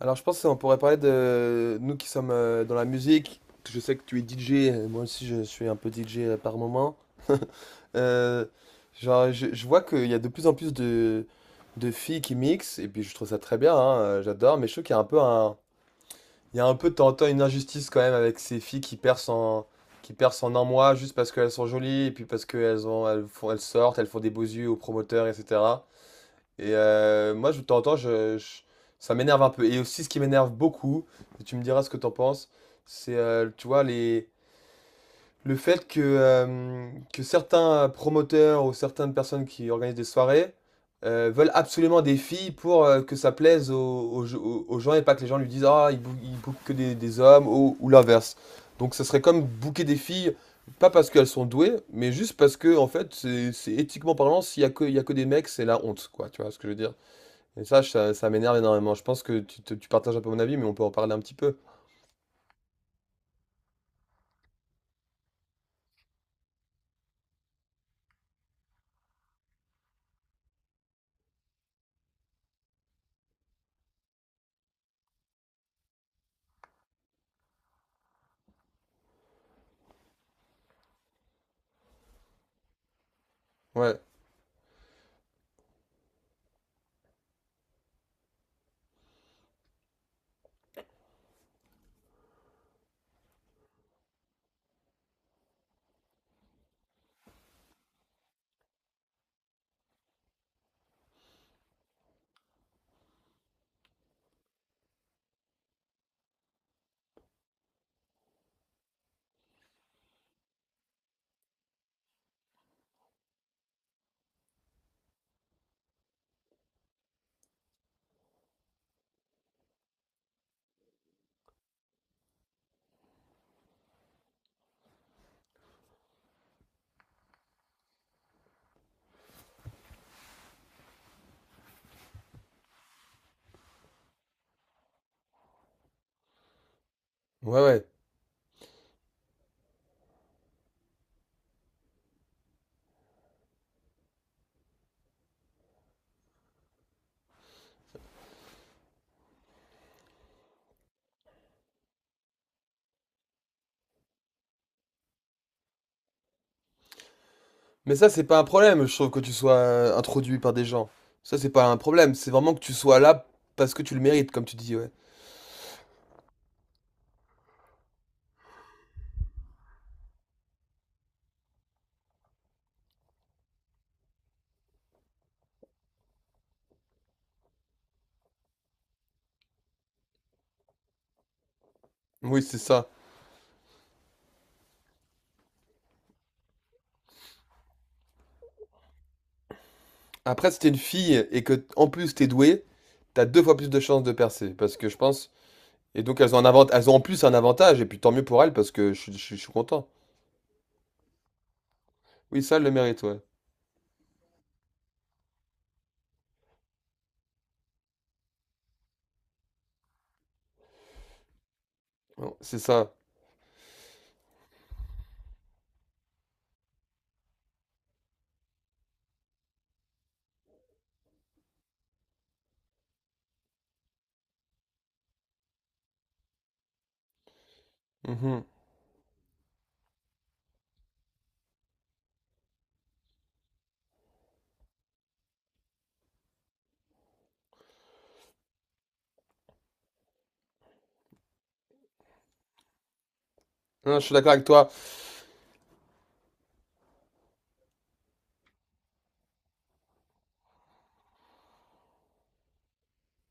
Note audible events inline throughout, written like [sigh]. Alors je pense qu'on pourrait parler de nous qui sommes dans la musique. Je sais que tu es DJ, moi aussi je suis un peu DJ par moment. [laughs] Euh, je vois qu'il y a de plus en plus de filles qui mixent et puis je trouve ça très bien, hein, j'adore, mais je trouve qu'il y a un peu il y a un peu de temps en temps une injustice quand même avec ces filles en, qui percent en un mois juste parce qu'elles sont jolies et puis parce qu'elles ont, elles font, elles sortent, elles font des beaux yeux aux promoteurs, etc. Et moi, je de temps en temps, je- ça m'énerve un peu. Et aussi, ce qui m'énerve beaucoup, et tu me diras ce que t'en penses, c'est, tu vois, les, le fait que certains promoteurs ou certaines personnes qui organisent des soirées veulent absolument des filles pour que ça plaise aux gens et pas que les gens lui disent ah, il bouque que des hommes ou l'inverse. Donc, ça serait comme bouquer des filles, pas parce qu'elles sont douées, mais juste parce que, en fait, c'est éthiquement parlant, s'il y a que, il y a que des mecs, c'est la honte, quoi. Tu vois ce que je veux dire? Et ça m'énerve énormément. Je pense que tu partages un peu mon avis, mais on peut en parler un petit peu. Ouais, ouais, ouais. Mais ça, c'est pas un problème, je trouve, que tu sois introduit par des gens. Ça, c'est pas un problème. C'est vraiment que tu sois là parce que tu le mérites, comme tu dis, ouais. Oui, c'est ça. Après, si t'es une fille et que, en plus, t'es douée, t'as deux fois plus de chances de percer. Parce que je pense. Et donc, elles ont un avant... elles ont en plus un avantage, et puis tant mieux pour elles, parce que je suis content. Oui, ça, elles le mérite, ouais. Bon, c'est ça. Mhm. Non, je suis d'accord avec toi.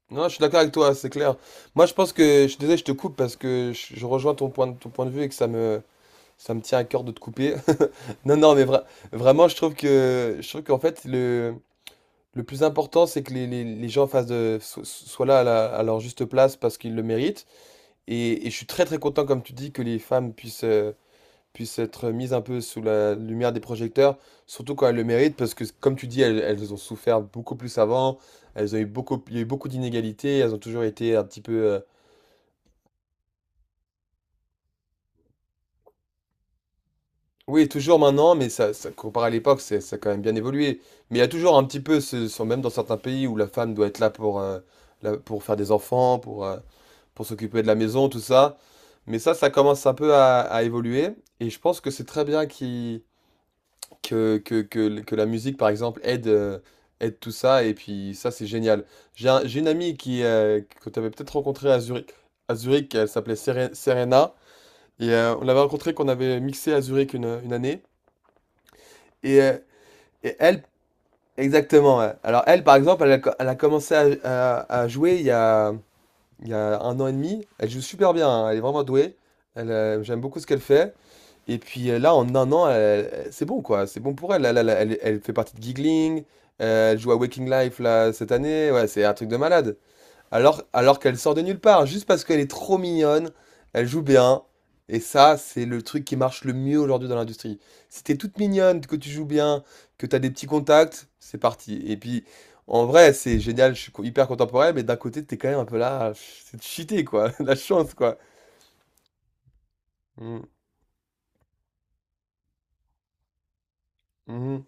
Non, je suis d'accord avec toi, c'est clair. Moi, je pense que, je suis désolé, je te coupe parce que je rejoins ton ton point de vue et que ça me tient à cœur de te couper. [laughs] Non, non, mais vra- vraiment, je trouve qu'en fait, le plus important, c'est que les gens fassent soient là à leur juste place parce qu'ils le méritent. Et je suis très content, comme tu dis, que les femmes puissent être mises un peu sous la lumière des projecteurs, surtout quand elles le méritent, parce que, comme tu dis, elles ont souffert beaucoup plus avant. Elles ont eu beaucoup, il y a eu beaucoup d'inégalités, elles ont toujours été un petit peu oui, toujours maintenant, mais ça comparé à l'époque, ça a quand même bien évolué. Mais il y a toujours un petit peu, même dans certains pays où la femme doit être là pour faire des enfants, pour s'occuper de la maison, tout ça. Mais ça commence un peu à évoluer. Et je pense que c'est très bien que la musique, par exemple, aide, aide tout ça. Et puis ça, c'est génial. J'ai une amie qui, que tu avais peut-être rencontrée à Zurich, elle s'appelait Serena. Et on l'avait rencontrée qu'on avait mixé à Zurich une année. Et et elle, exactement. Ouais. Alors elle, par exemple, elle a commencé à jouer il y a un an et demi. Elle joue super bien, hein, elle est vraiment douée. Elle, j'aime beaucoup ce qu'elle fait. Et puis là, en un an, c'est bon quoi. C'est bon pour elle. Elle fait partie de Giggling. Euh, elle joue à Waking Life là, cette année. Ouais, c'est un truc de malade. Alors qu'elle sort de nulle part, juste parce qu'elle est trop mignonne, elle joue bien. Et ça, c'est le truc qui marche le mieux aujourd'hui dans l'industrie. Si t'es toute mignonne, que tu joues bien, que t'as des petits contacts, c'est parti. Et puis, en vrai, c'est génial, hyper contemporain, mais d'un côté, t'es quand même un peu là, c'est cheaté, quoi. [laughs] La chance, quoi. Mm, mhm.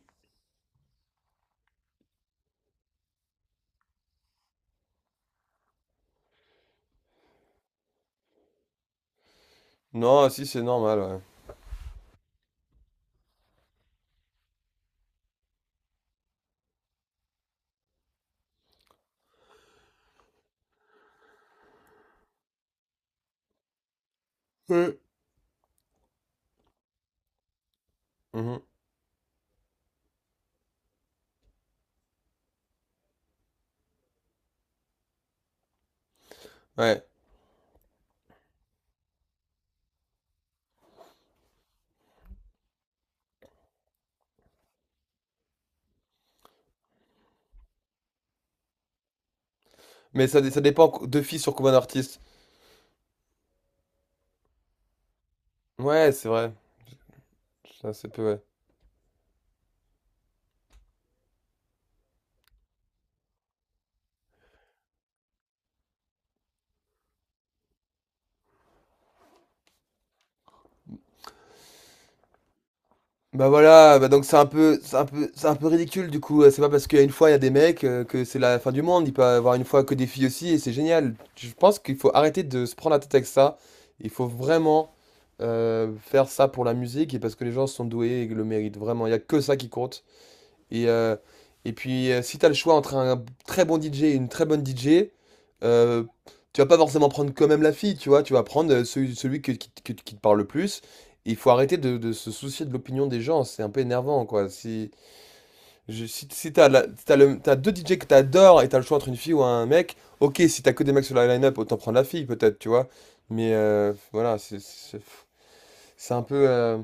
Non, si, c'est normal, ouais. Ouais. Mhm, ouais. Mais ça dépend de filles sur combien d'artistes. Ouais, c'est vrai. Ça, c'est peu, ouais. Bah voilà, bah donc c'est un peu, c'est un peu ridicule du coup. C'est pas parce qu'il y a une fois il y a des mecs que c'est la fin du monde. Il peut avoir une fois que des filles aussi et c'est génial. Je pense qu'il faut arrêter de se prendre la tête avec ça. Il faut vraiment faire ça pour la musique et parce que les gens sont doués et le méritent vraiment. Il y a que ça qui compte. Et, euh, si tu as le choix entre un très bon DJ et une très bonne DJ, euh, tu vas pas forcément prendre quand même la fille, tu vois. Tu vas prendre celui, qui te parle le plus. Et il faut arrêter de se soucier de l'opinion des gens. C'est un peu énervant, quoi. Si t'as t'as deux DJ que t'adores et t'as le choix entre une fille ou un mec, ok, si t'as que des mecs sur la line-up, autant prendre la fille, peut-être, tu vois. Mais voilà, c'est un peu.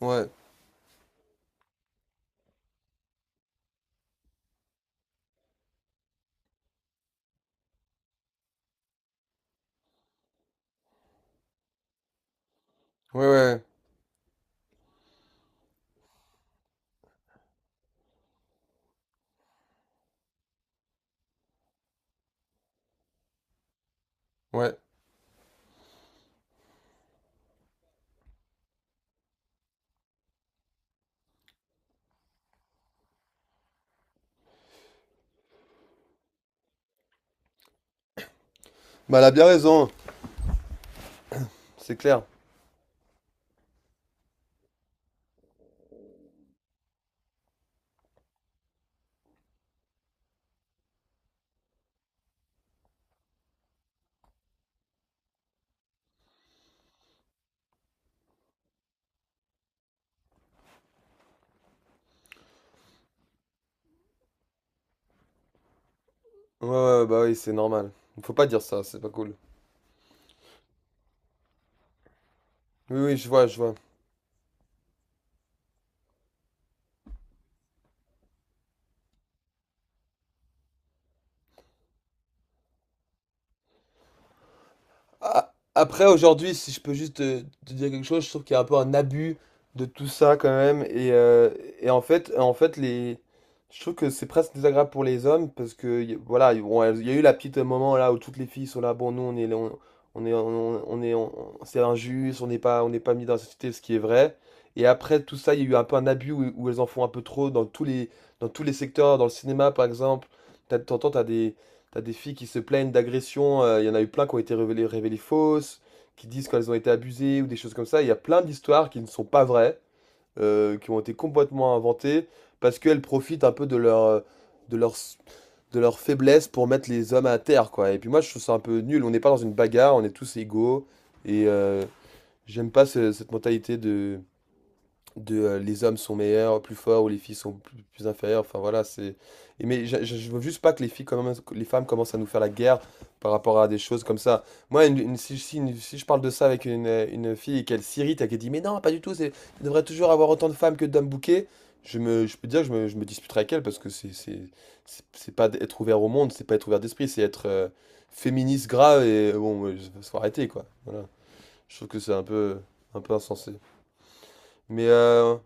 Ouais, ouais, ouais, ouais. Bah, elle a bien raison, c'est clair. Ouais, ouais, bah oui, c'est normal. Faut pas dire ça, c'est pas cool. Oui, oui, je vois, je vois. Après, aujourd'hui, si je peux juste te dire quelque chose, je trouve qu'il y a un peu un abus de tout ça quand même. En fait les... je trouve que c'est presque désagréable pour les hommes parce que voilà, bon, il y a eu la petite moment là où toutes les filles sont là, bon, nous on est, on est, on est, c'est injuste, on n'est pas mis dans la société, ce qui est vrai. Et après tout ça, il y a eu un peu un abus où elles en font un peu trop dans tous dans tous les secteurs, dans le cinéma par exemple. T'as- T'entends, t'as des T'as des filles qui se plaignent d'agressions, il y en a eu plein qui ont été révélées fausses, qui disent qu'elles ont été abusées ou des choses comme ça. Il y a plein d'histoires qui ne sont pas vraies, qui ont été complètement inventées, parce qu'elles profitent un peu de leur, de leur, de leur faiblesse pour mettre les hommes à terre, quoi. Et puis moi, je trouve ça un peu nul. On n'est pas dans une bagarre, on est tous égaux. Et j'aime pas cette mentalité de, les hommes sont meilleurs, plus forts, ou les filles sont plus, plus inférieures. Enfin voilà, c'est. Mais je veux juste pas que les les femmes commencent à nous faire la guerre par rapport à des choses comme ça. Moi, si je parle de ça avec une fille et qu'elle s'irrite et qu'elle dit mais non, pas du tout, c'est, il devrait toujours avoir autant de femmes que d'hommes bouquets, je peux dire que je me disputerai avec elle parce que c'est c'est pas être ouvert au monde, c'est pas être ouvert d'esprit, c'est être féministe grave et faut arrêter quoi. Voilà. Je trouve que c'est un peu insensé. Mais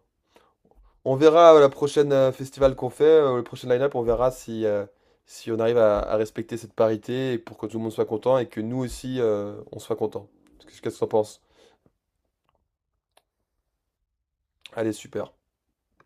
on verra la prochaine festival qu'on fait, le prochain line-up, on verra si, si on arrive à respecter cette parité et pour que tout le monde soit content et que nous aussi on soit content. Qu'est-ce que tu en penses? Allez, super.